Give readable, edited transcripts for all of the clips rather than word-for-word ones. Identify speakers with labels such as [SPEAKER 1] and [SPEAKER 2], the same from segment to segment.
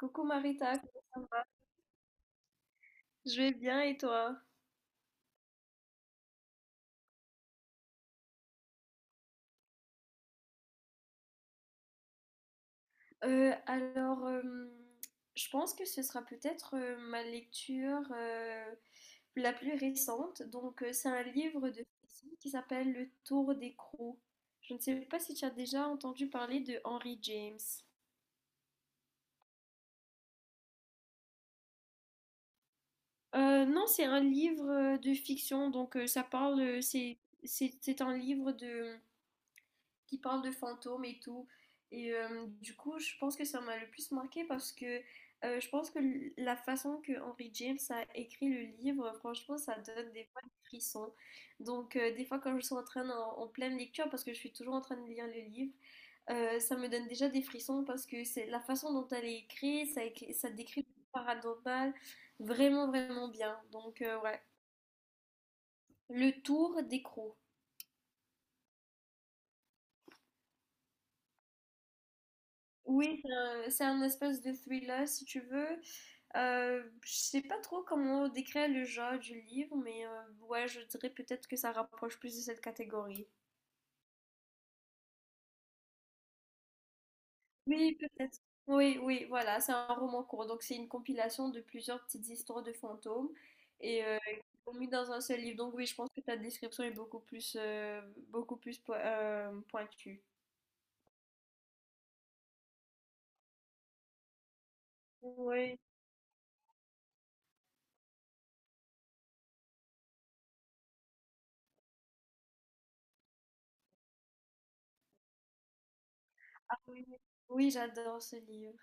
[SPEAKER 1] Coucou Marita, comment ça va? Je vais bien et toi? Euh, alors, euh, je pense que ce sera peut-être ma lecture la plus récente. C'est un livre de fiction qui s'appelle Le Tour des Crocs. Je ne sais pas si tu as déjà entendu parler de Henry James. Non, c'est un livre de fiction, ça parle, c'est un livre qui parle de fantômes et tout. Et du coup, je pense que ça m'a le plus marqué parce que je pense que la façon que Henry James a écrit le livre, franchement, ça donne des fois des frissons. Des fois, quand je suis en en pleine lecture, parce que je suis toujours en train de lire le livre, ça me donne déjà des frissons parce que c'est la façon dont elle est écrite, ça, ça décrit le paranormal vraiment, vraiment bien. Ouais. Le tour d'écrou. Oui, c'est c'est un espèce de thriller, si tu veux. Je sais pas trop comment décrire le genre du livre, mais ouais, je dirais peut-être que ça rapproche plus de cette catégorie. Oui, peut-être. Oui, oui, voilà, c'est un roman court. Donc, c'est une compilation de plusieurs petites histoires de fantômes et qui sont mis dans un seul livre. Donc, oui, je pense que ta description est beaucoup plus, beaucoup plus pointue. Oui, ah oui. Oui, j'adore ce livre.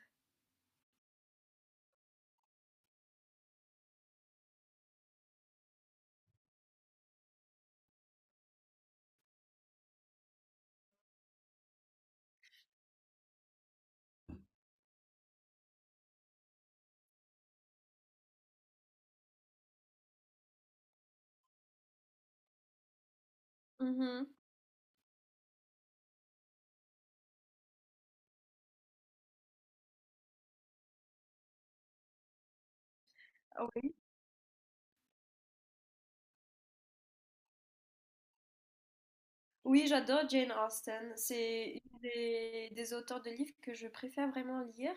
[SPEAKER 1] Mhm. Ah oui. Oui, j'adore Jane Austen. C'est une des auteurs de livres que je préfère vraiment lire.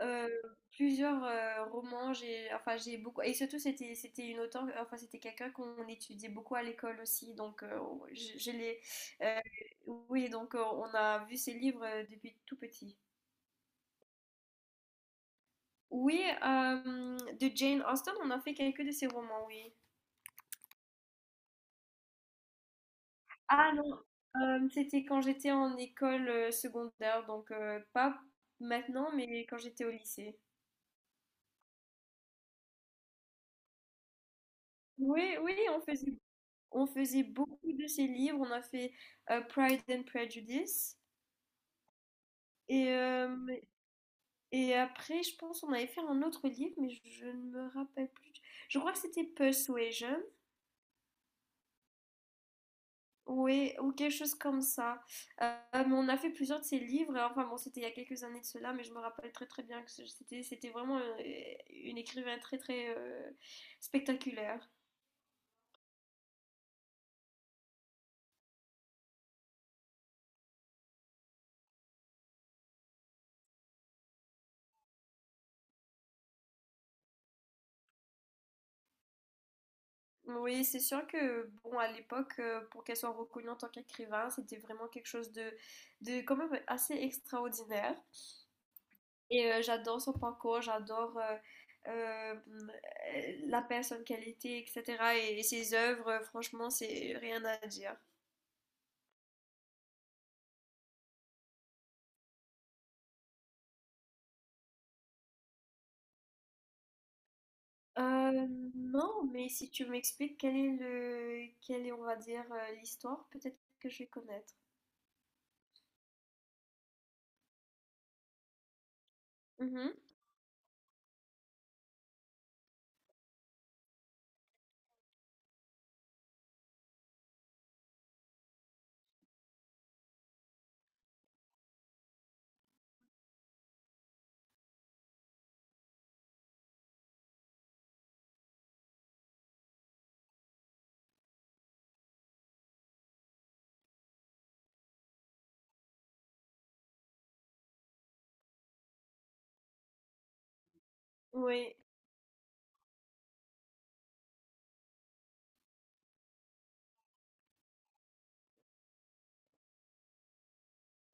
[SPEAKER 1] Euh, Plusieurs romans, j'ai enfin j'ai beaucoup et surtout c'était une auteure enfin c'était quelqu'un qu'on étudiait beaucoup à l'école aussi donc je l'ai euh, oui donc on a vu ses livres depuis tout petit. Oui, de Jane Austen, on a fait quelques de ses romans, oui. Ah non, c'était quand j'étais en école secondaire donc pas maintenant mais quand j'étais au lycée. Oui, oui, on faisait beaucoup de ces livres. On a fait Pride and Prejudice. Et, euh, et après, je pense on avait fait un autre livre, mais je ne me rappelle plus. Je crois que c'était Persuasion. Oui, ou quelque chose comme ça. Mais on a fait plusieurs de ces livres. Et enfin bon, c'était il y a quelques années de cela, mais je me rappelle très très bien que c'était vraiment une écrivain très très spectaculaire. Oui, c'est sûr que, bon, à l'époque, pour qu'elle soit reconnue en tant qu'écrivain, c'était vraiment quelque chose de quand même assez extraordinaire. Et j'adore son parcours, j'adore euh, euh, la personne qu'elle était, etc. Et ses œuvres, franchement, c'est rien à dire. Euh, non, mais si tu m'expliques quel est quelle est, on va dire, l'histoire, peut-être que je vais connaître. Mhm. Oui,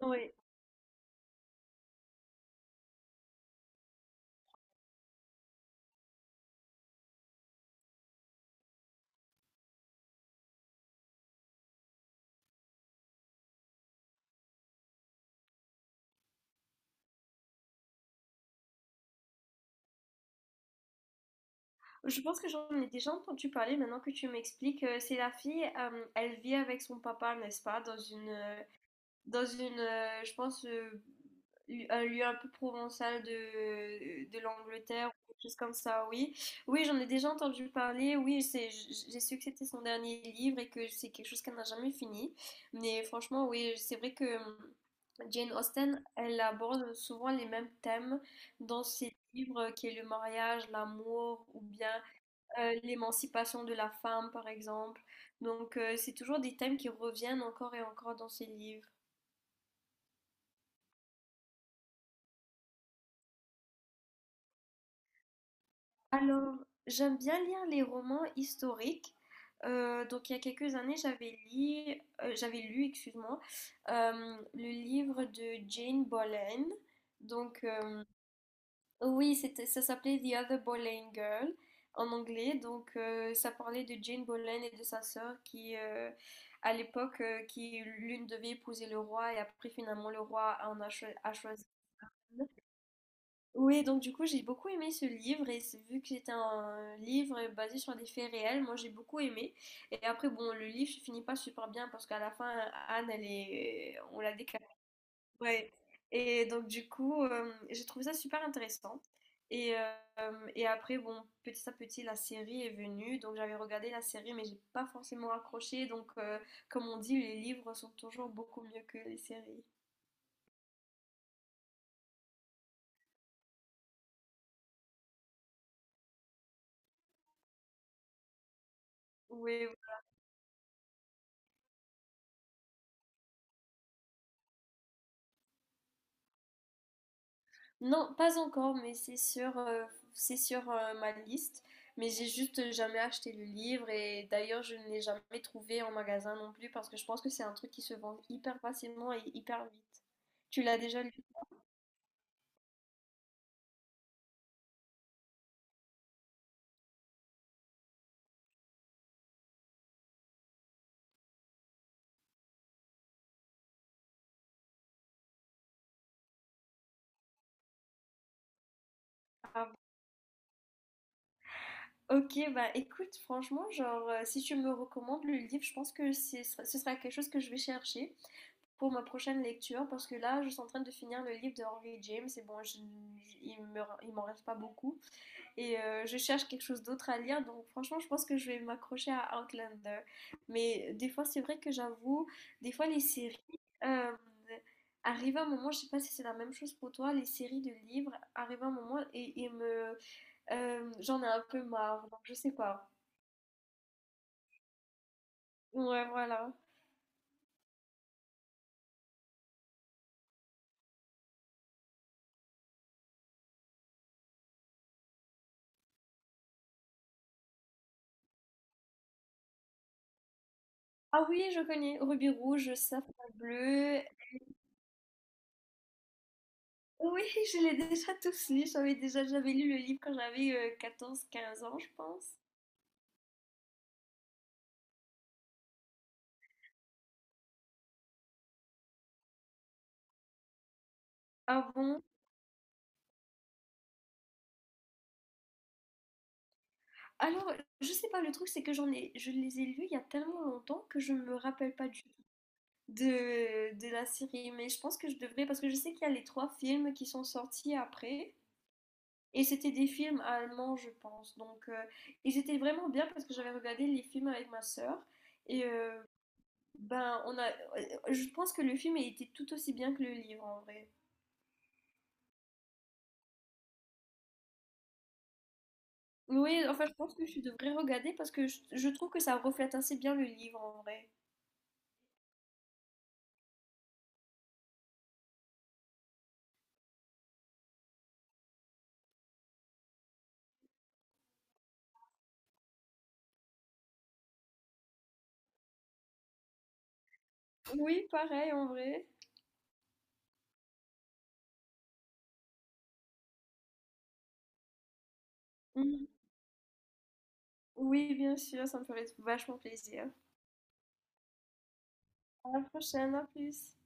[SPEAKER 1] oui. Je pense que j'en ai déjà entendu parler maintenant que tu m'expliques. C'est la fille, elle vit avec son papa, n'est-ce pas, dans une, dans une, je pense, un lieu un peu provençal de l'Angleterre, ou quelque chose comme ça, oui. Oui, j'en ai déjà entendu parler. Oui, j'ai su que c'était son dernier livre et que c'est quelque chose qu'elle n'a jamais fini. Mais franchement, oui, c'est vrai que Jane Austen, elle aborde souvent les mêmes thèmes dans ses livres, qui est le mariage, l'amour, ou bien l'émancipation de la femme, par exemple. Donc, c'est toujours des thèmes qui reviennent encore et encore dans ces livres. Alors, j'aime bien lire les romans historiques. Donc, il y a quelques années, j'avais lu, excuse-moi, le livre de Jane Boleyn. Donc, euh, Oui, ça s'appelait The Other Boleyn Girl en anglais. Donc, ça parlait de Jane Boleyn et de sa sœur qui, à l'époque, qui l'une devait épouser le roi et après, finalement, le roi en a choisi une. Oui, donc du coup, j'ai beaucoup aimé ce livre et vu que c'était un livre basé sur des faits réels, moi j'ai beaucoup aimé. Et après, bon, le livre se finit pas super bien parce qu'à la fin, Anne, on la décapite. Ouais. Et donc du coup, j'ai trouvé ça super intéressant. Et, et après, bon, petit à petit, la série est venue. Donc j'avais regardé la série, mais j'ai pas forcément accroché. Donc comme on dit, les livres sont toujours beaucoup mieux que les séries. Oui, oui. Non, pas encore, mais c'est sur, c'est sur ma liste. Mais j'ai juste jamais acheté le livre et d'ailleurs je ne l'ai jamais trouvé en magasin non plus parce que je pense que c'est un truc qui se vend hyper facilement et hyper vite. Tu l'as déjà lu? Ok, bah écoute, franchement, genre, si tu me recommandes le livre, je pense que ce ce sera quelque chose que je vais chercher pour ma prochaine lecture, parce que là, je suis en train de finir le livre de Henry James, et bon, il m'en reste pas beaucoup, et je cherche quelque chose d'autre à lire, donc franchement, je pense que je vais m'accrocher à Outlander. Mais des fois, c'est vrai que j'avoue, des fois, les séries, euh, arrive un moment, je sais pas si c'est la même chose pour toi, les séries de livres, arrive un moment et me j'en ai un peu marre, donc je sais pas. Ouais, voilà. Ah oui, je connais Ruby Rouge, Safran Bleu. Oui, je l'ai déjà tous lus. J'avais lu le livre quand j'avais 14, 15 ans, je pense. Ah bon? Alors, je sais pas, le truc, c'est que je les ai lus il y a tellement longtemps que je me rappelle pas du tout de la série. Mais je pense que je devrais, parce que je sais qu'il y a les 3 films qui sont sortis après. Et c'était des films allemands, je pense. Donc, ils étaient vraiment bien parce que j'avais regardé les films avec ma sœur. Et ben, on a, euh, je pense que le film a été tout aussi bien que le livre en vrai. Oui, enfin, je pense que je devrais regarder parce que je trouve que ça reflète assez bien le livre en vrai. Oui, pareil en vrai. Mm. Oui, bien sûr, ça me ferait vachement plaisir. À la prochaine, à plus.